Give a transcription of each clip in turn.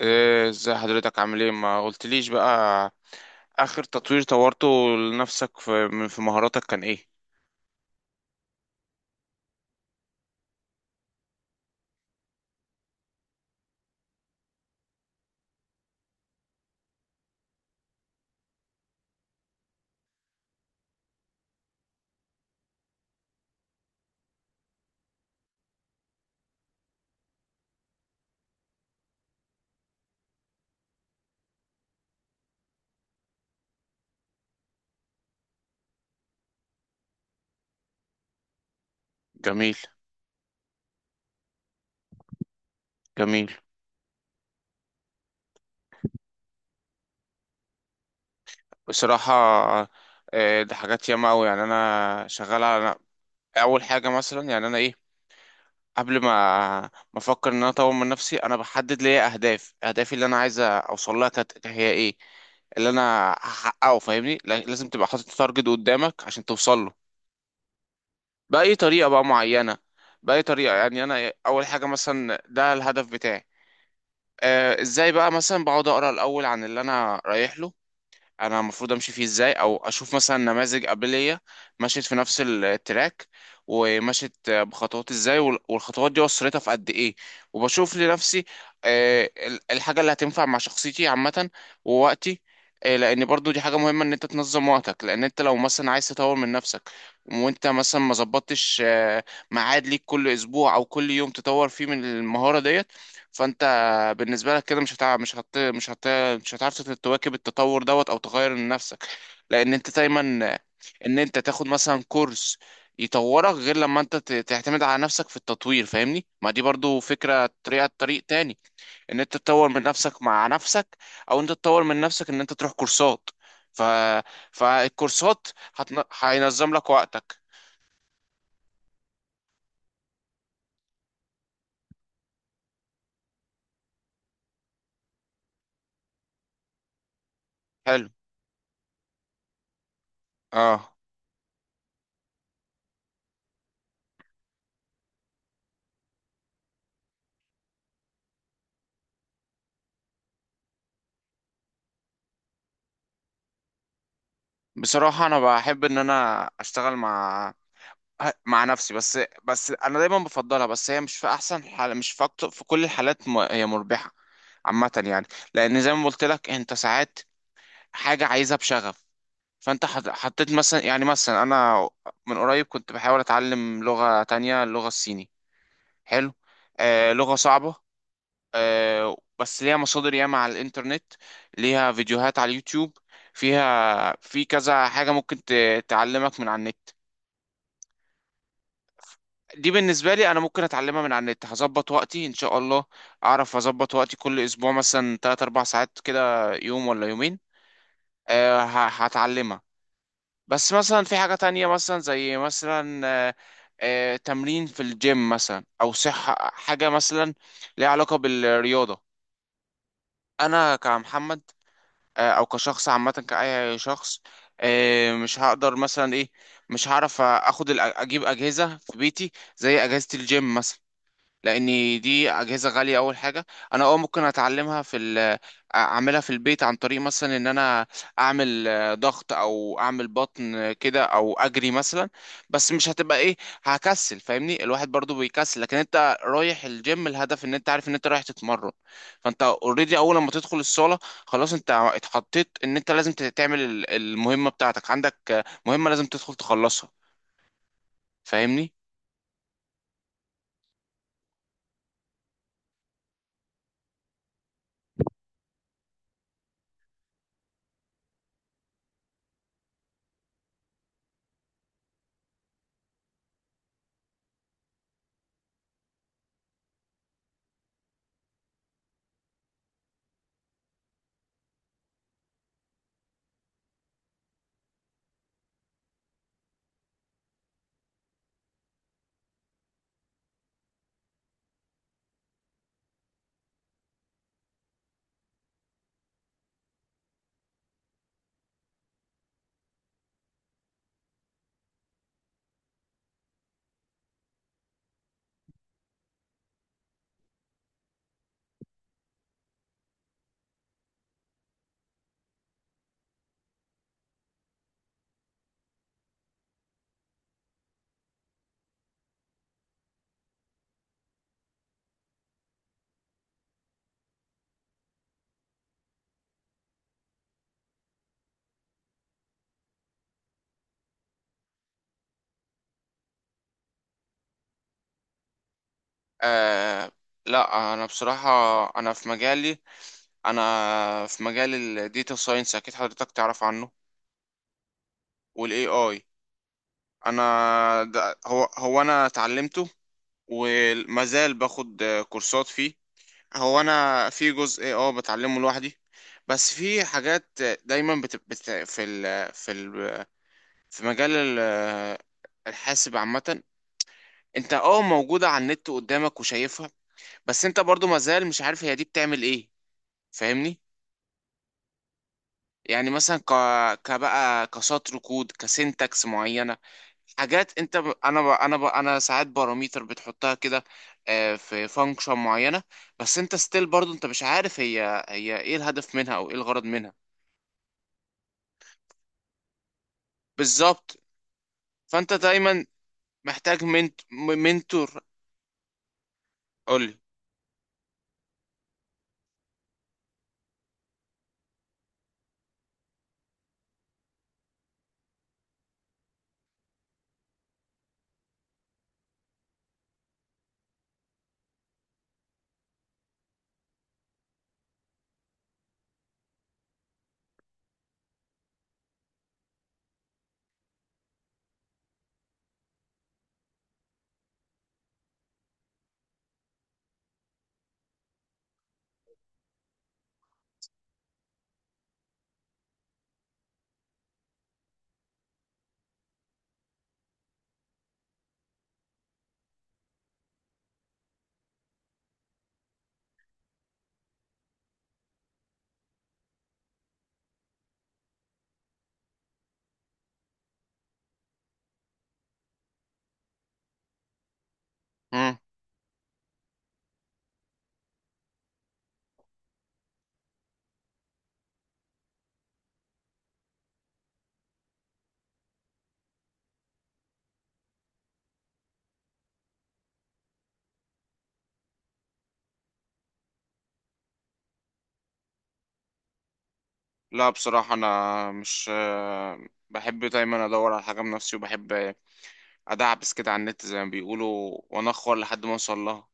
ايه، ازاي حضرتك؟ عامل ايه؟ ما قلتليش بقى اخر تطوير طورته لنفسك في في مهاراتك كان ايه؟ جميل، جميل. بصراحة إيه ده، حاجات ياما اوي، يعني انا شغال على اول حاجة. مثلا يعني انا ايه، قبل ما افكر ان انا اطور من نفسي، انا بحدد ليا اهداف، اهدافي اللي انا عايز اوصل لها كانت هي ايه، اللي انا هحققه. فاهمني، لازم تبقى حاطط تارجت قدامك عشان توصل له بأي طريقة بقى معينة. بأي طريقة يعني، أنا أول حاجة مثلا ده الهدف بتاعي. آه، إزاي بقى؟ مثلا بقعد أقرأ الأول عن اللي أنا رايح له، انا المفروض امشي فيه ازاي، او اشوف مثلا نماذج قبليه مشيت في نفس التراك، ومشيت بخطوات ازاي، والخطوات دي وصلتها في قد ايه، وبشوف لنفسي الحاجه اللي هتنفع مع شخصيتي عامه، ووقتي. لان برضو دي حاجه مهمه ان انت تنظم وقتك، لان انت لو مثلا عايز تطور من نفسك وانت مثلا ما ظبطتش ميعاد ليك كل اسبوع او كل يوم تطور فيه من المهاره ديت، فانت بالنسبه لك كده مش هتعرف تواكب التطور دوت او تغير من نفسك، لان انت دايما ان انت تاخد مثلا كورس يطورك، غير لما انت تعتمد على نفسك في التطوير. فاهمني، ما دي برضو فكرة، طريق تاني ان انت تطور من نفسك مع نفسك، او انت تطور من نفسك ان انت تروح كورسات. ف... فالكورسات هينظم لك وقتك. حلو، اه. بصراحة انا بحب ان انا اشتغل مع مع نفسي، بس انا دايما بفضلها، بس هي مش في احسن حال، مش في أكتر في كل الحالات، هي مربحه عامه يعني. لان زي ما قلت لك، انت ساعات حاجه عايزها بشغف. فانت حطيت مثلا، يعني مثلا انا من قريب كنت بحاول اتعلم لغه تانية، اللغه الصيني. حلو، آه لغه صعبه. آه بس ليها مصادر ياما على الانترنت، ليها فيديوهات على اليوتيوب، فيها في كذا حاجه ممكن تعلمك من على النت. دي بالنسبة لي أنا ممكن أتعلمها من على النت، هظبط وقتي إن شاء الله أعرف أظبط وقتي، كل أسبوع مثلا 3 4 ساعات كده، يوم ولا يومين أه هتعلمها. بس مثلا في حاجة تانية، مثلا زي مثلا أه، أه تمرين في الجيم مثلا، أو صحة، حاجة مثلا ليها علاقة بالرياضة. أنا كمحمد أه، أو كشخص عامة، كأي شخص أه، مش هقدر مثلا إيه، مش هعرف أخد أجيب أجهزة في بيتي زي أجهزة الجيم مثلا، لان دي اجهزه غاليه اول حاجه. انا اه ممكن اتعلمها اعملها في البيت عن طريق مثلا ان انا اعمل ضغط او اعمل بطن كده، او اجري مثلا، بس مش هتبقى ايه، هكسل. فاهمني الواحد برضو بيكسل، لكن انت رايح الجيم الهدف ان انت عارف ان انت رايح تتمرن، فانت اوريدي اول لما تدخل الصاله خلاص انت اتحطيت ان انت لازم تعمل المهمه بتاعتك، عندك مهمه لازم تدخل تخلصها. فاهمني. آه لا، انا بصراحه انا في مجالي، انا في مجال الديتا ساينس، اكيد حضرتك تعرف عنه والاي اي. انا ده هو انا اتعلمته، ومازال باخد كورسات فيه. هو انا في جزء اه بتعلمه لوحدي، بس في حاجات دايما في مجال الحاسب عامة، انت اه موجودة على النت قدامك وشايفها، بس انت برضو مازال مش عارف هي دي بتعمل ايه. فاهمني. يعني مثلا كبقى كسطر كود كسنتكس معينة، حاجات انت انا انا ساعات باراميتر بتحطها كده في فانكشن معينه، بس انت ستيل برضو انت مش عارف هي ايه الهدف منها او ايه الغرض منها. بالظبط، فانت دايما محتاج منتور. قولي. مم. لا بصراحه انا مش بحب دايما ادور على حاجه بنفسي، وبحب ادعبس كده على النت زي ما بيقولوا، وانخر لحد ما اوصل لها.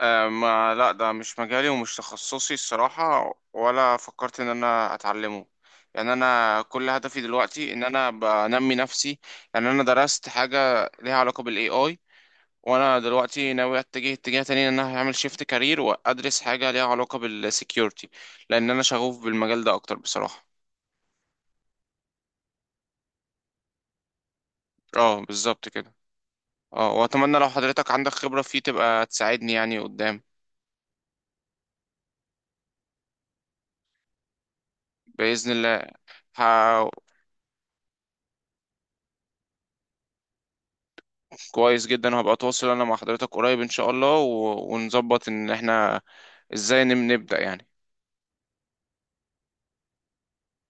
ما لا ده مش مجالي ومش تخصصي الصراحة، ولا فكرت ان انا اتعلمه. يعني انا كل هدفي دلوقتي ان انا بنمي نفسي. يعني انا درست حاجة ليها علاقة بالاي اي، وانا دلوقتي ناوي اتجه اتجاه تاني، ان انا هعمل شيفت كارير وادرس حاجة ليها علاقة بالسكيورتي، لان انا شغوف بالمجال ده اكتر بصراحة. اه بالظبط كده. اه واتمنى لو حضرتك عندك خبرة فيه تبقى تساعدني يعني قدام، بإذن الله. كويس جدا، وهبقى اتواصل انا مع حضرتك قريب ان شاء الله ونظبط ان احنا ازاي نبدأ يعني